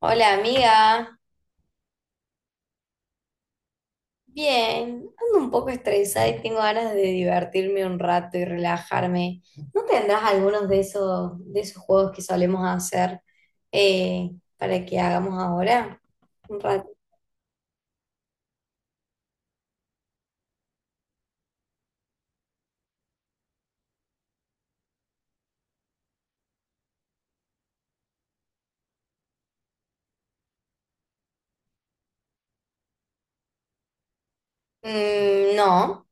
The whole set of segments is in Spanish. Hola amiga, bien, ando un poco estresada y tengo ganas de divertirme un rato y relajarme. ¿No tendrás algunos de esos juegos que solemos hacer eh, para que hagamos ahora? Un rato. Mm, no.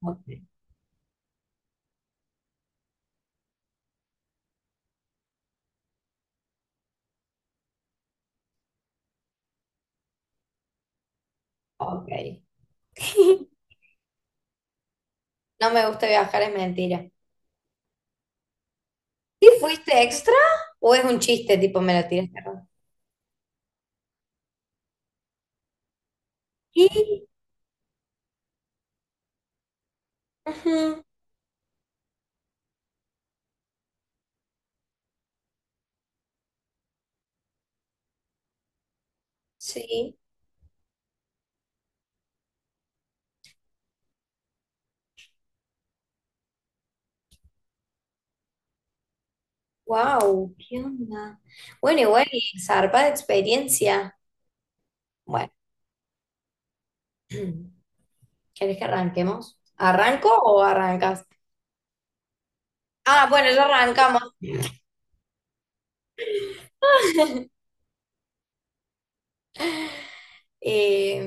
Ok. Ok. No me gusta viajar, es mentira. ¿Sí fuiste extra o es un chiste tipo me lo tiraste raro? ¿Qué? Ujú. Sí. Wow, ¿qué onda? Bueno, igual, zarpa de experiencia. Bueno, ¿querés que arranquemos? ¿Arranco o arrancas? Ah, bueno, ya arrancamos. Eh,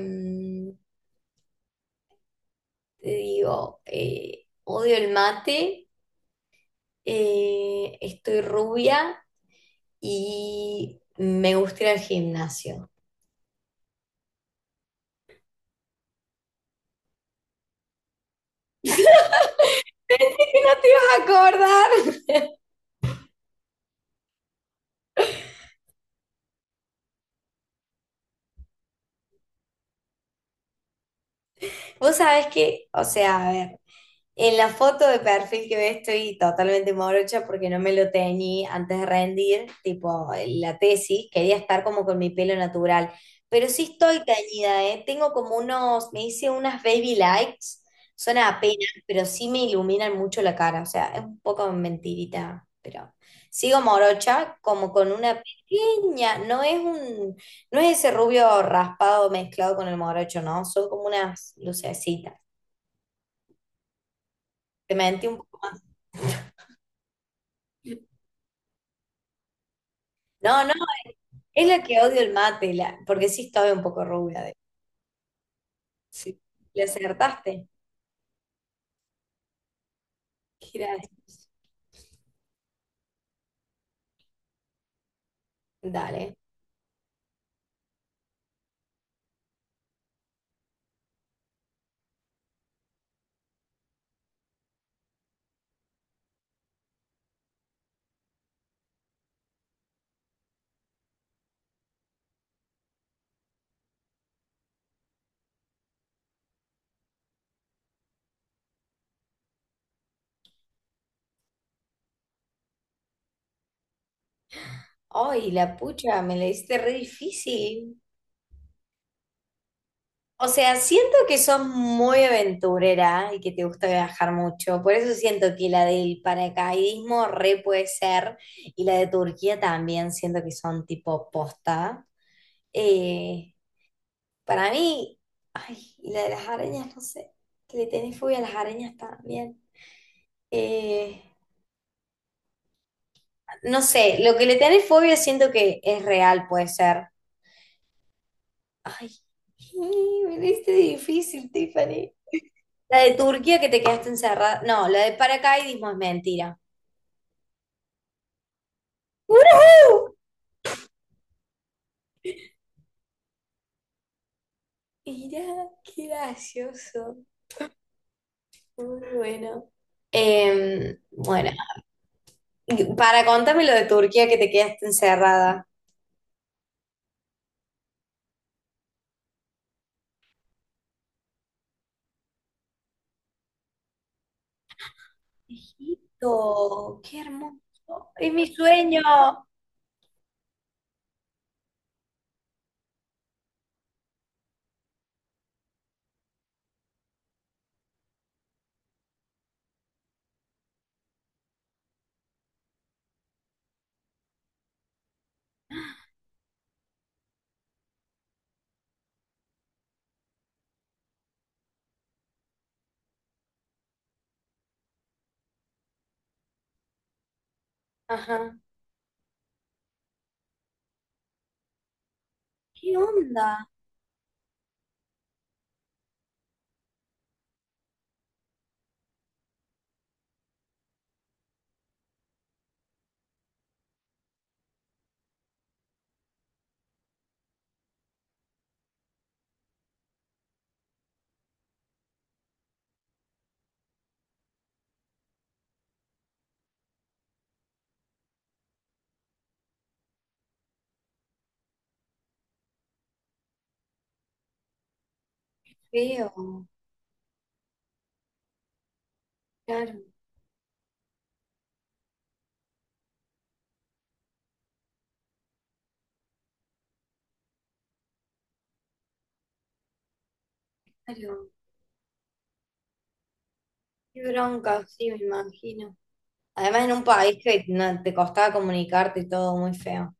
Te digo, odio el mate, estoy rubia y me gusta ir al gimnasio. ¿Qué no te ibas a acordar? Vos sabés que, o sea, a ver. En la foto de perfil que ves estoy totalmente morocha porque no me lo teñí antes de rendir, tipo la tesis, quería estar como con mi pelo natural, pero sí estoy teñida, ¿eh? Tengo como unos, me hice unas baby lights, son apenas, pero sí me iluminan mucho la cara, o sea, es un poco mentirita, pero sigo morocha como con una pequeña, no es un, no es ese rubio raspado mezclado con el morocho, ¿no? Son como unas lucecitas. Te mentí un... No, no, es la que odio el mate, la- porque sí estaba un poco rubia. De... Sí. ¿Le acertaste? Gracias. Dale. Ay, la pucha, me la hiciste re difícil. O sea, siento que sos muy aventurera y que te gusta viajar mucho. Por eso siento que la del paracaidismo re puede ser. Y la de Turquía también siento que son tipo posta. Eh, para mí, y la de las arañas, no sé. Que le tenés fobia a las arañas también. Eh, no sé, lo que le tenés fobia siento que es real, puede ser. Ay, me diste difícil, Tiffany. La de Turquía que te quedaste encerrada. No, la de paracaidismo es mentira. ¡Woohoo! Mirá, qué gracioso. Muy bueno. Bueno, para contarme lo de Turquía que te quedaste encerrada. Egipto, qué hermoso. Es mi sueño. Ajá. ¿Qué onda? Feo. Claro, claro. Qué bronca, sí, me imagino. Además, en un país que no- te costaba comunicarte y todo muy feo.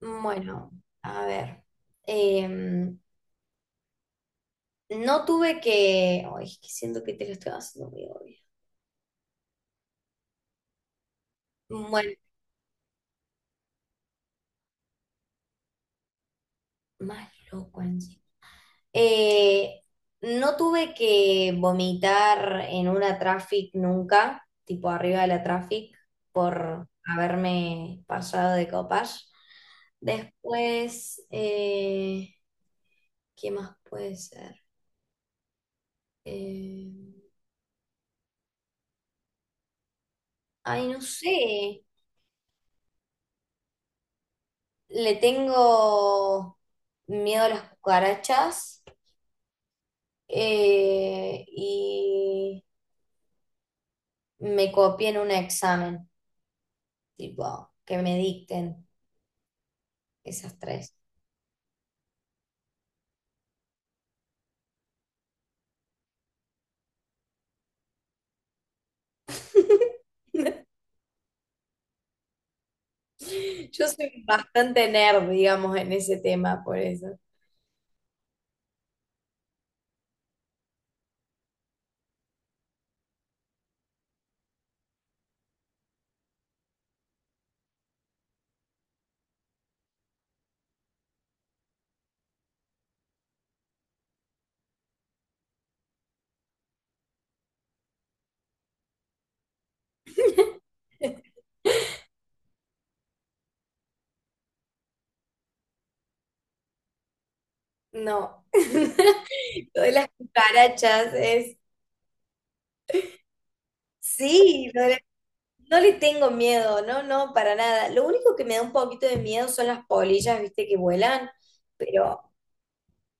Bueno, a ver. Em, no tuve que. Ay, es que siento que te lo estoy haciendo muy obvio. Bueno, más loco en sí. Eh, no tuve que vomitar en una traffic nunca, tipo arriba de la traffic, por haberme pasado de copas. Después, ¿qué más puede ser? Eh, ay, no sé. Le tengo miedo a las cucarachas, y me copié en un examen, tipo, que me dicten esas tres. Yo soy bastante nerd, digamos, en ese tema, por eso. No. Lo de las cucarachas es... Sí, lo de no le tengo miedo, no, no, para nada. Lo único que me da un poquito de miedo son las polillas, viste, que vuelan, pero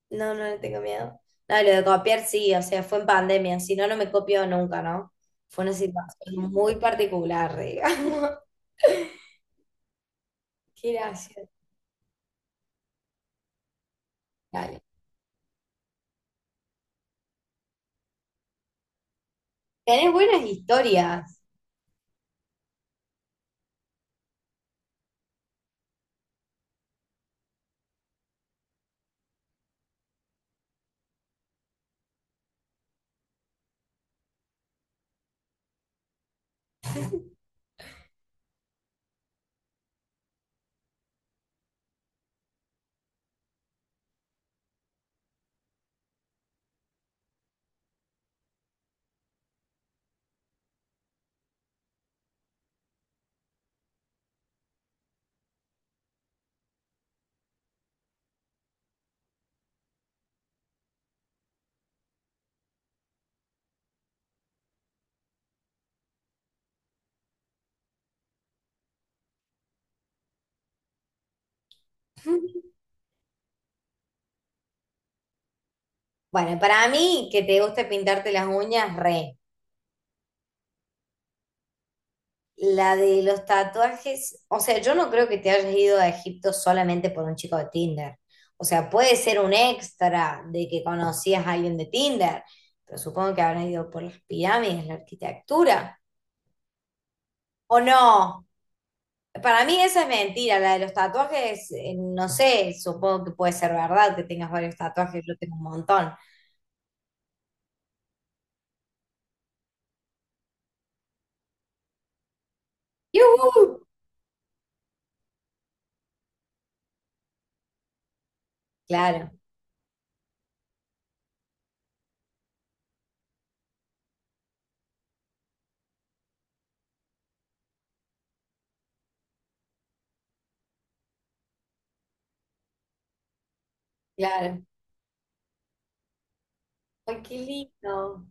no, no le tengo miedo. No, lo de copiar sí, o sea, fue en pandemia, si no, no me copió nunca, ¿no? Fue una situación muy particular, digamos. Qué gracioso. Dale. Tenés buenas historias. Bueno, para mí, que te guste pintarte las uñas, re. La de los tatuajes, o sea, yo no creo que te hayas ido a Egipto solamente por un chico de Tinder. O sea, puede ser un extra de que conocías a alguien de Tinder, pero supongo que habrán ido por las pirámides, la arquitectura. O no. Para mí esa es mentira, la de los tatuajes, no sé, supongo que puede ser verdad que tengas varios tatuajes, yo tengo un montón. ¡Yujú! Claro, claro. Ay, qué lindo.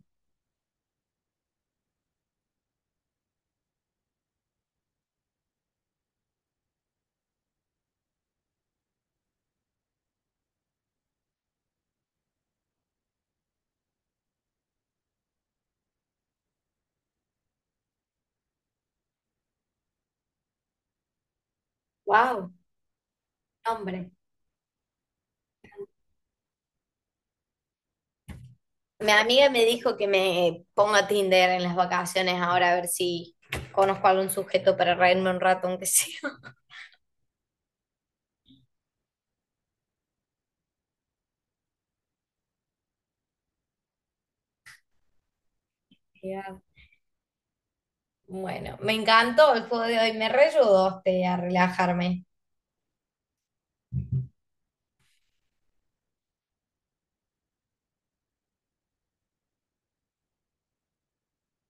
Wow, hombre. Mi amiga me dijo que me ponga Tinder en las vacaciones ahora a ver si conozco algún sujeto para reírme un rato, aunque sea. Ya. Bueno, me encantó el juego de hoy, me reayudó usted a relajarme.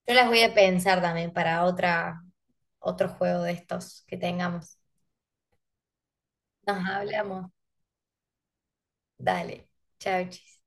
Yo las voy a pensar también para otra, otro juego de estos que tengamos. Nos hablamos. Dale. Chau, chis.